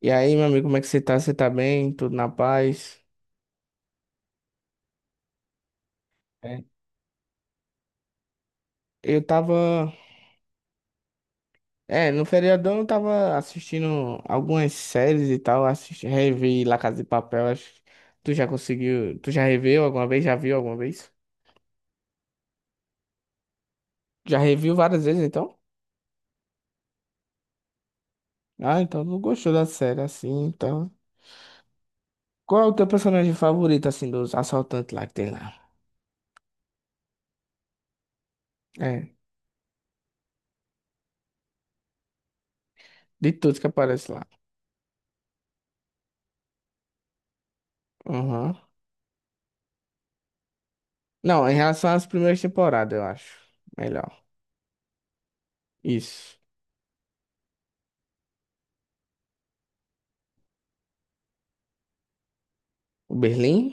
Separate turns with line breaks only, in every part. E aí, meu amigo, como é que você tá? Você tá bem? Tudo na paz? É. Eu tava. É, no feriadão eu tava assistindo algumas séries e tal. Assisti, revi La Casa de Papel. Acho que tu já conseguiu. Tu já reveu alguma vez? Já viu alguma vez? Já reviu várias vezes, então? Ah, então não gostou da série assim, então. Qual é o teu personagem favorito, assim, dos assaltantes lá que tem lá? É, de todos que aparecem lá. Aham. Não, em relação às primeiras temporadas, eu acho. Melhor. Isso. O Berlim?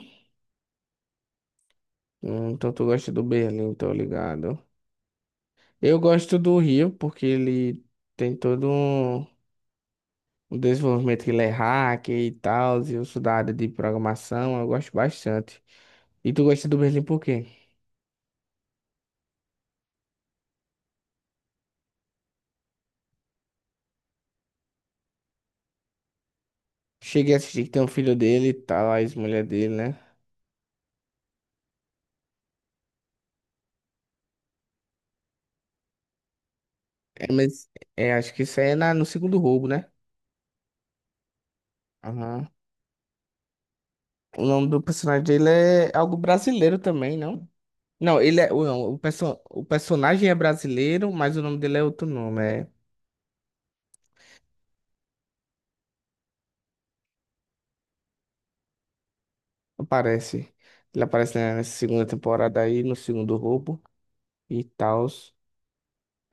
Então tu gosta do Berlim, tô ligado. Eu gosto do Rio porque ele tem todo um desenvolvimento que ele é hacker e tal, e eu sou da área de programação, eu gosto bastante. E tu gosta do Berlim por quê? Cheguei a assistir que tem um filho dele e tal, a ex-mulher dele, né? É, mas é, acho que isso aí é no segundo roubo, né? Aham. O nome do personagem dele é algo brasileiro também, não? Não, ele é. Não, o personagem é brasileiro, mas o nome dele é outro nome. Aparece. Ele aparece né, nessa segunda temporada aí, no segundo roubo e tal.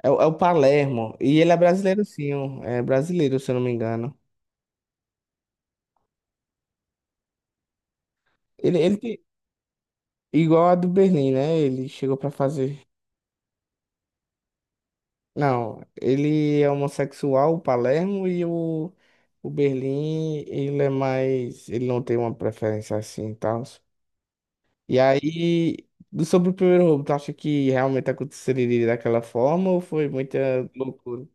É, é o Palermo. E ele é brasileiro, sim. ó. É brasileiro, se eu não me engano. Ele igual a do Berlim, né? Ele chegou pra fazer. Não, ele é homossexual, o Palermo, e o Berlim, ele é mais. Ele não tem uma preferência assim e tal. E aí, sobre o primeiro roubo, tu acha que realmente aconteceria daquela forma ou foi muita loucura?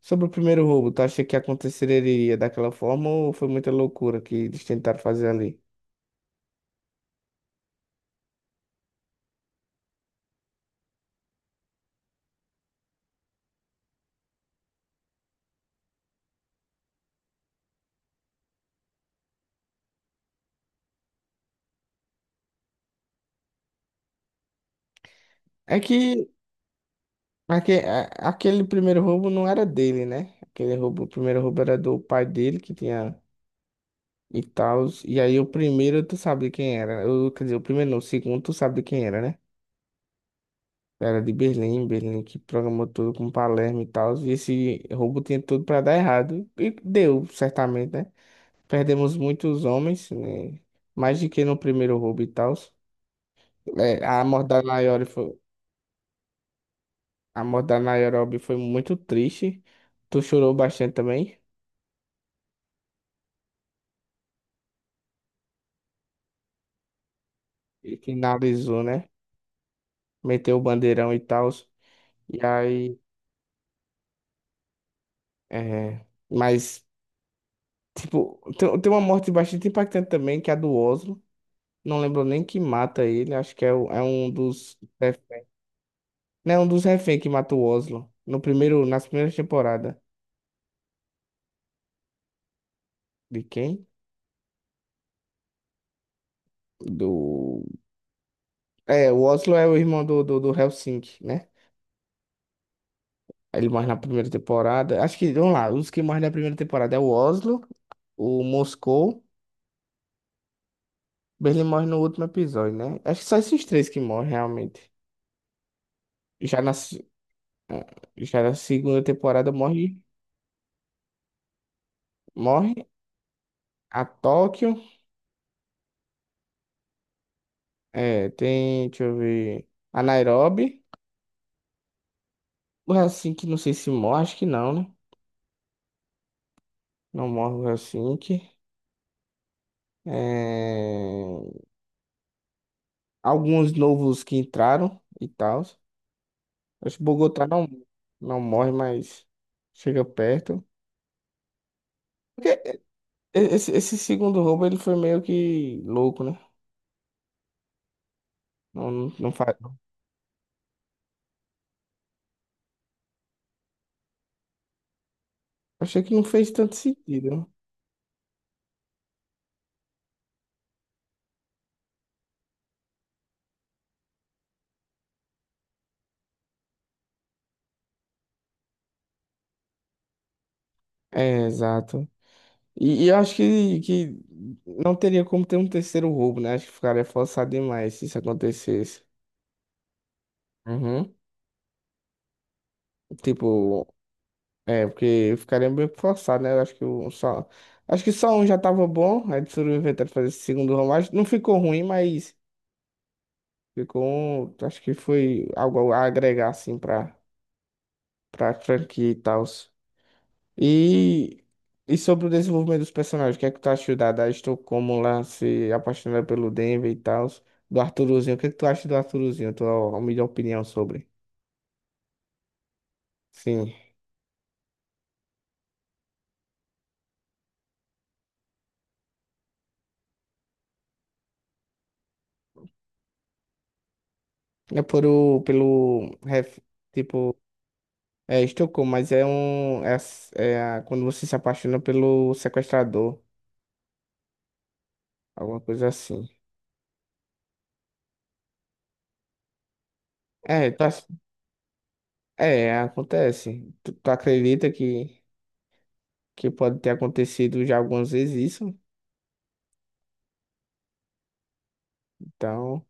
Sobre o primeiro roubo, tu acha que aconteceria daquela forma ou foi muita loucura que eles tentaram fazer ali? É que aque- a- aquele primeiro roubo não era dele, né? Aquele roubo, o primeiro roubo era do pai dele que tinha e tal. E aí o primeiro tu sabe de quem era. Quer dizer, o primeiro não, o segundo tu sabe de quem era, né? Era de Berlim, Berlim que programou tudo com Palermo e tal. E esse roubo tinha tudo pra dar errado. E deu, certamente, né? Perdemos muitos homens, né? Mais do que no primeiro roubo e tal. É, a morte da Nairobi foi muito triste. Tu chorou bastante também. E finalizou, né? Meteu o bandeirão e tal. E aí. É, mas, tipo, tem uma morte bastante impactante também, que é a do Oslo. Não lembro nem quem mata ele. Acho que é um dos. Não, é um dos reféns que mata o Oslo. No primeiro, nas primeiras temporadas. De quem? Do. É, o Oslo é o irmão do Helsinki, né? Ele morre na primeira temporada. Acho que, vamos lá, os que morrem na primeira temporada é o Oslo, o Moscou. Berlim morre no último episódio, né? Acho que só esses três que morrem, realmente. Já na, se- ah, já na segunda temporada morre a Tóquio. É, tem, deixa eu ver, a Nairobi. O Helsinki, não sei se morre, acho que não, né? Não morre o Helsinki. É, alguns novos que entraram e tal. Acho que Bogotá não, não morre, mas chega perto. Porque esse segundo roubo ele foi meio que louco, né? Não, não, não faz. Achei que não fez tanto sentido, né? É, exato. E eu acho que não teria como ter um terceiro roubo, né? Acho que ficaria forçado demais se isso acontecesse. Uhum. Tipo, é, porque ficaria meio que forçado, né? Eu acho que o só. Acho que só um já tava bom. Aí eles foram inventando fazer esse segundo roubo. Acho que não ficou ruim, mas. Ficou um, acho que foi algo a agregar assim para franquia e tal. E e sobre o desenvolvimento dos personagens, o que é que tu achou da Estocolmo lá se apaixonando pelo Denver e tal, do Arturozinho, o que é que tu acha do Arturozinho? Tua melhor opinião sobre? Sim. É por o pelo ref- tipo é Estocolmo, mas quando você se apaixona pelo sequestrador, alguma coisa assim. É, acontece. Tu acredita que pode ter acontecido já algumas vezes isso. Então,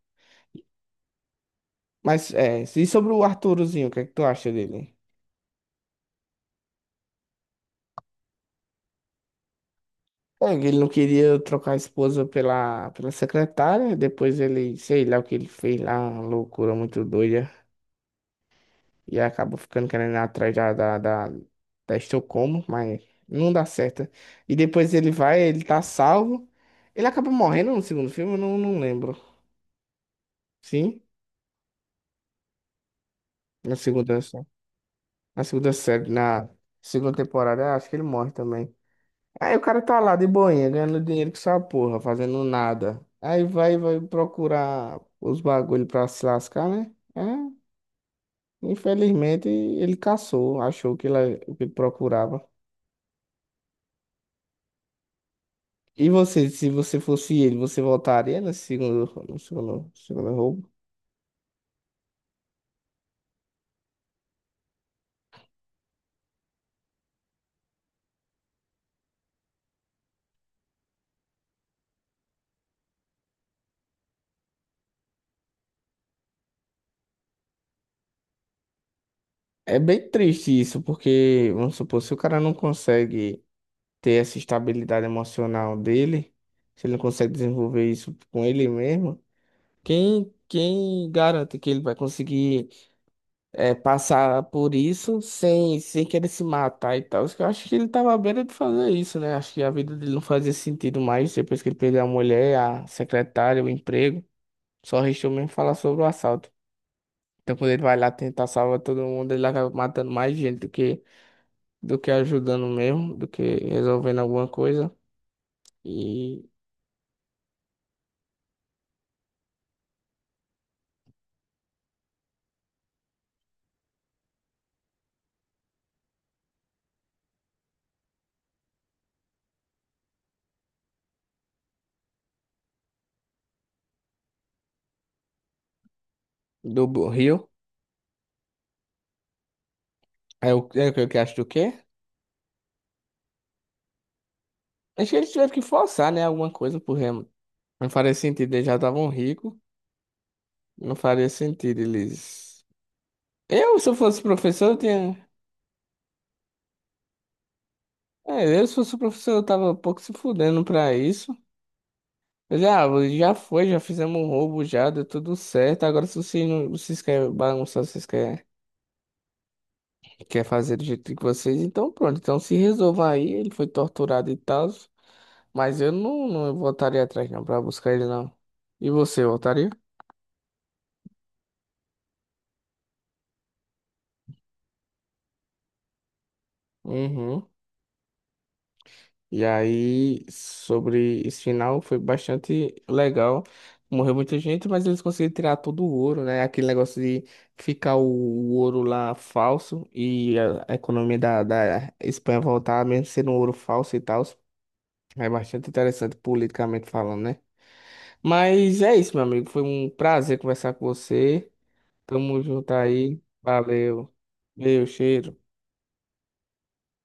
mas é, e sobre o Arturozinho, o que é que tu acha dele? É, ele não queria trocar a esposa pela secretária, depois ele, sei lá o que ele fez lá, uma loucura muito doida, e acabou ficando querendo ir atrás da Estocolmo, mas não dá certo. E depois ele vai, ele tá salvo, ele acaba morrendo no segundo filme, eu não, não lembro. Sim, na segunda, na segunda temporada, acho que ele morre também. Aí o cara tá lá de boinha, ganhando dinheiro com essa porra, fazendo nada. Aí vai procurar os bagulho pra se lascar, né? É, infelizmente ele caçou, achou que o que ele procurava. E você, se você fosse ele, você voltaria nesse segundo, no segundo, segundo roubo? É bem triste isso, porque, vamos supor, se o cara não consegue ter essa estabilidade emocional dele, se ele não consegue desenvolver isso com ele mesmo, quem garante que ele vai conseguir? Passar por isso sem querer se matar e tal. Eu acho que ele tava à beira de fazer isso, né? Acho que a vida dele não fazia sentido mais depois que ele perdeu a mulher, a secretária, o emprego. Só restou mesmo falar sobre o assalto. Então, quando ele vai lá tentar salvar todo mundo, ele acaba matando mais gente do que ajudando mesmo, do que resolvendo alguma coisa. E do Rio. É o que eu que acho do quê? Acho que eles tiveram que forçar, né? Alguma coisa pro Remo. Não faria sentido, eles já estavam ricos. Não faria sentido eles. Se eu fosse professor, eu tinha. É, se fosse professor, eu tava um pouco se fudendo pra isso. Mas, ah, já foi, já fizemos um roubo, já deu tudo certo. Agora, se vocês, não, vocês querem bagunçar, quer fazer do jeito que vocês, então pronto. Então se resolva aí, ele foi torturado e tal. Mas eu não, não voltaria atrás, não, pra buscar ele, não. E você, voltaria? Uhum. E aí, sobre esse final, foi bastante legal. Morreu muita gente, mas eles conseguiram tirar todo o ouro, né? Aquele negócio de ficar o ouro lá falso e a economia da Espanha voltar, mesmo sendo um ouro falso e tal. É bastante interessante politicamente falando, né? Mas é isso, meu amigo. Foi um prazer conversar com você. Tamo junto aí. Valeu. Meu cheiro.